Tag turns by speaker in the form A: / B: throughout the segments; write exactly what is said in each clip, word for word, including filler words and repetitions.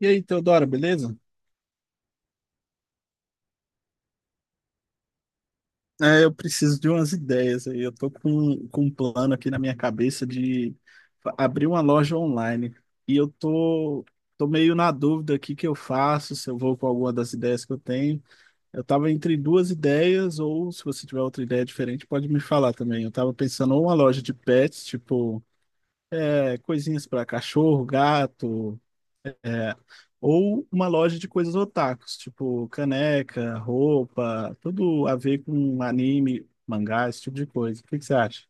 A: E aí, Teodora, beleza? É, eu preciso de umas ideias aí. Eu tô com, com um plano aqui na minha cabeça de fa- abrir uma loja online. E eu tô, tô meio na dúvida aqui que eu faço, se eu vou com alguma das ideias que eu tenho. Eu tava entre duas ideias, ou se você tiver outra ideia diferente, pode me falar também. Eu tava pensando ou uma loja de pets, tipo, é, coisinhas para cachorro, gato. É, ou uma loja de coisas otakus, tipo caneca, roupa, tudo a ver com anime, mangá, esse tipo de coisa. O que que você acha?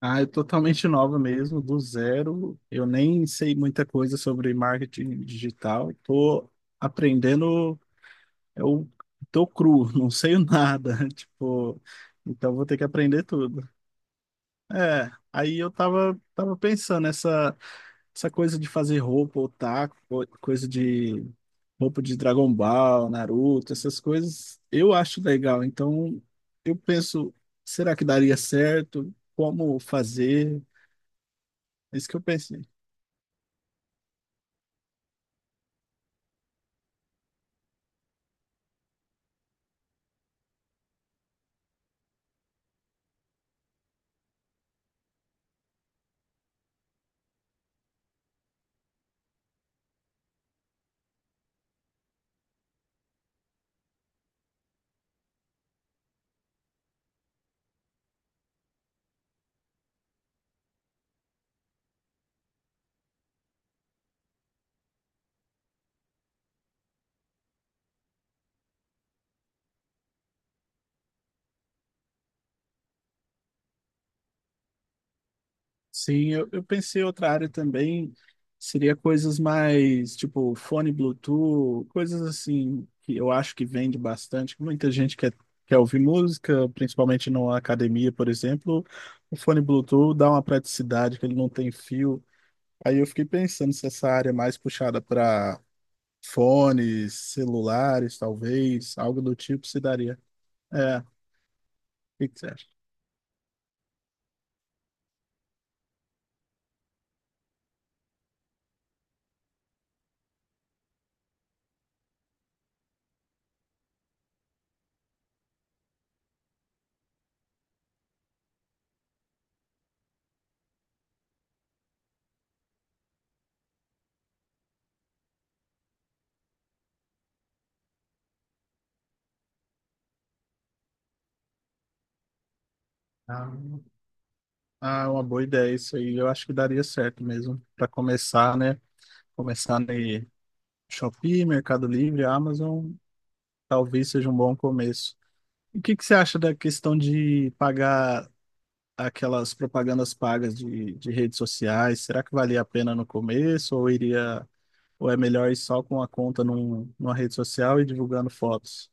A: Ah, eu totalmente nova mesmo, do zero. Eu nem sei muita coisa sobre marketing digital. Tô aprendendo, eu tô cru, não sei nada. Tipo, então vou ter que aprender tudo. É, aí eu tava, tava pensando essa essa coisa de fazer roupa, otaku, co- coisa de roupa de Dragon Ball, Naruto, essas coisas, eu acho legal. Então, eu penso, será que daria certo? Como fazer? É isso que eu pensei. Sim, eu, eu pensei outra área também, seria coisas mais tipo fone Bluetooth, coisas assim que eu acho que vende bastante. Muita gente quer, quer ouvir música, principalmente na academia, por exemplo. O fone Bluetooth dá uma praticidade que ele não tem fio. Aí eu fiquei pensando se essa área é mais puxada para fones, celulares, talvez, algo do tipo se daria. É, o Que que você acha? Ah, ah, uma boa ideia isso aí. Eu acho que daria certo mesmo para começar, né? Começar no Shopee, Mercado Livre, Amazon, talvez seja um bom começo. E o que que você acha da questão de pagar aquelas propagandas pagas de, de redes sociais? Será que valia a pena no começo ou iria, ou é melhor ir só com a conta num, numa rede social e divulgando fotos?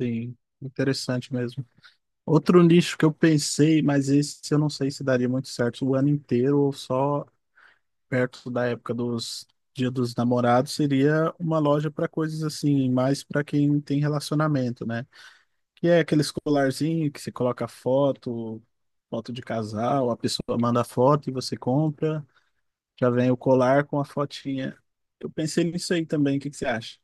A: Sim, interessante mesmo. Outro nicho que eu pensei, mas esse eu não sei se daria muito certo o ano inteiro ou só perto da época dos Dia dos Namorados, seria uma loja para coisas assim, mais para quem tem relacionamento, né? Que é aquele colarzinho que você coloca foto, foto de casal, a pessoa manda foto e você compra, já vem o colar com a fotinha. Eu pensei nisso aí também, o que que você acha?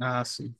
A: Ah, sim.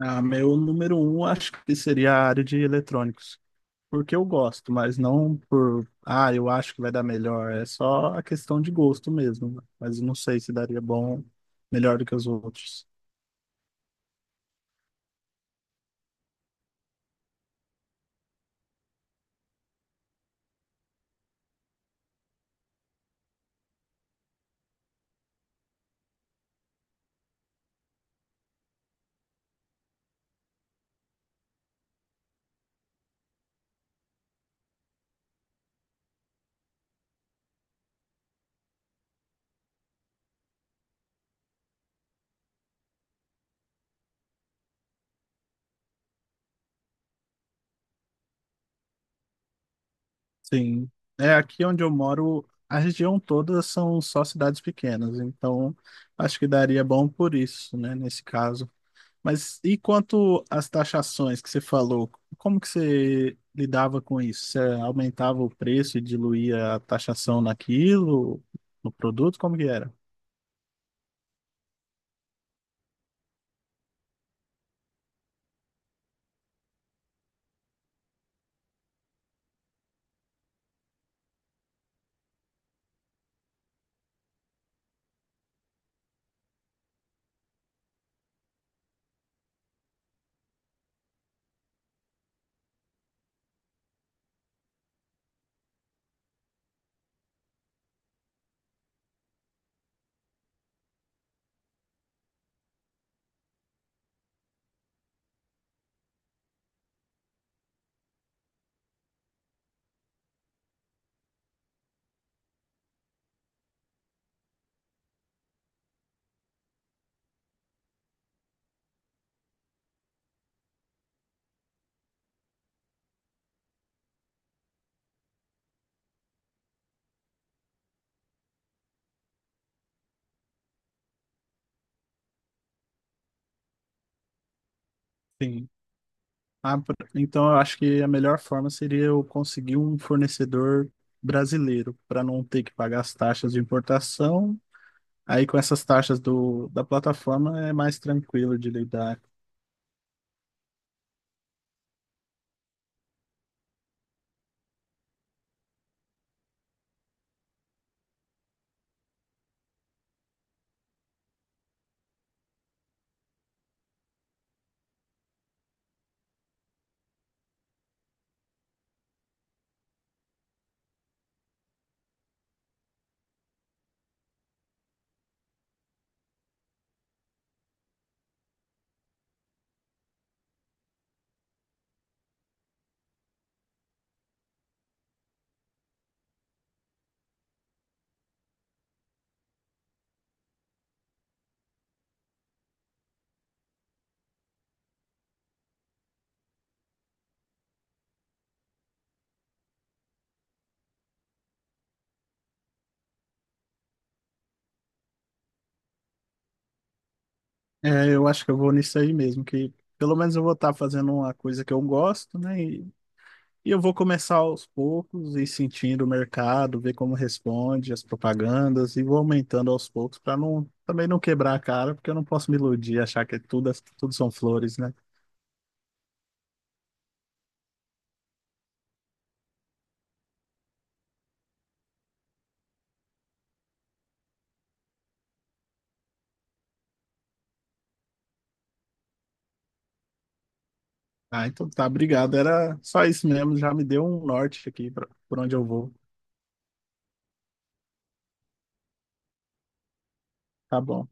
A: Ah, meu número um acho que seria a área de eletrônicos, porque eu gosto, mas não por, ah, eu acho que vai dar melhor. É só a questão de gosto mesmo, né? Mas eu não sei se daria bom, melhor do que os outros. Sim. É, aqui onde eu moro, a região toda são só cidades pequenas, então acho que daria bom por isso, né, nesse caso. Mas e quanto às taxações que você falou, como que você lidava com isso? Você aumentava o preço e diluía a taxação naquilo, no produto? Como que era? Sim. Ah, por- então eu acho que a melhor forma seria eu conseguir um fornecedor brasileiro para não ter que pagar as taxas de importação. Aí com essas taxas do, da plataforma é mais tranquilo de lidar. É, eu acho que eu vou nisso aí mesmo, que pelo menos eu vou estar fazendo uma coisa que eu gosto, né? E, e eu vou começar aos poucos e sentindo o mercado, ver como responde as propagandas e vou aumentando aos poucos para não também não quebrar a cara, porque eu não posso me iludir, achar que é tudo, tudo são flores, né? Ah, então tá, obrigado. Era só isso mesmo, já me deu um norte aqui pra, por onde eu vou. Tá bom.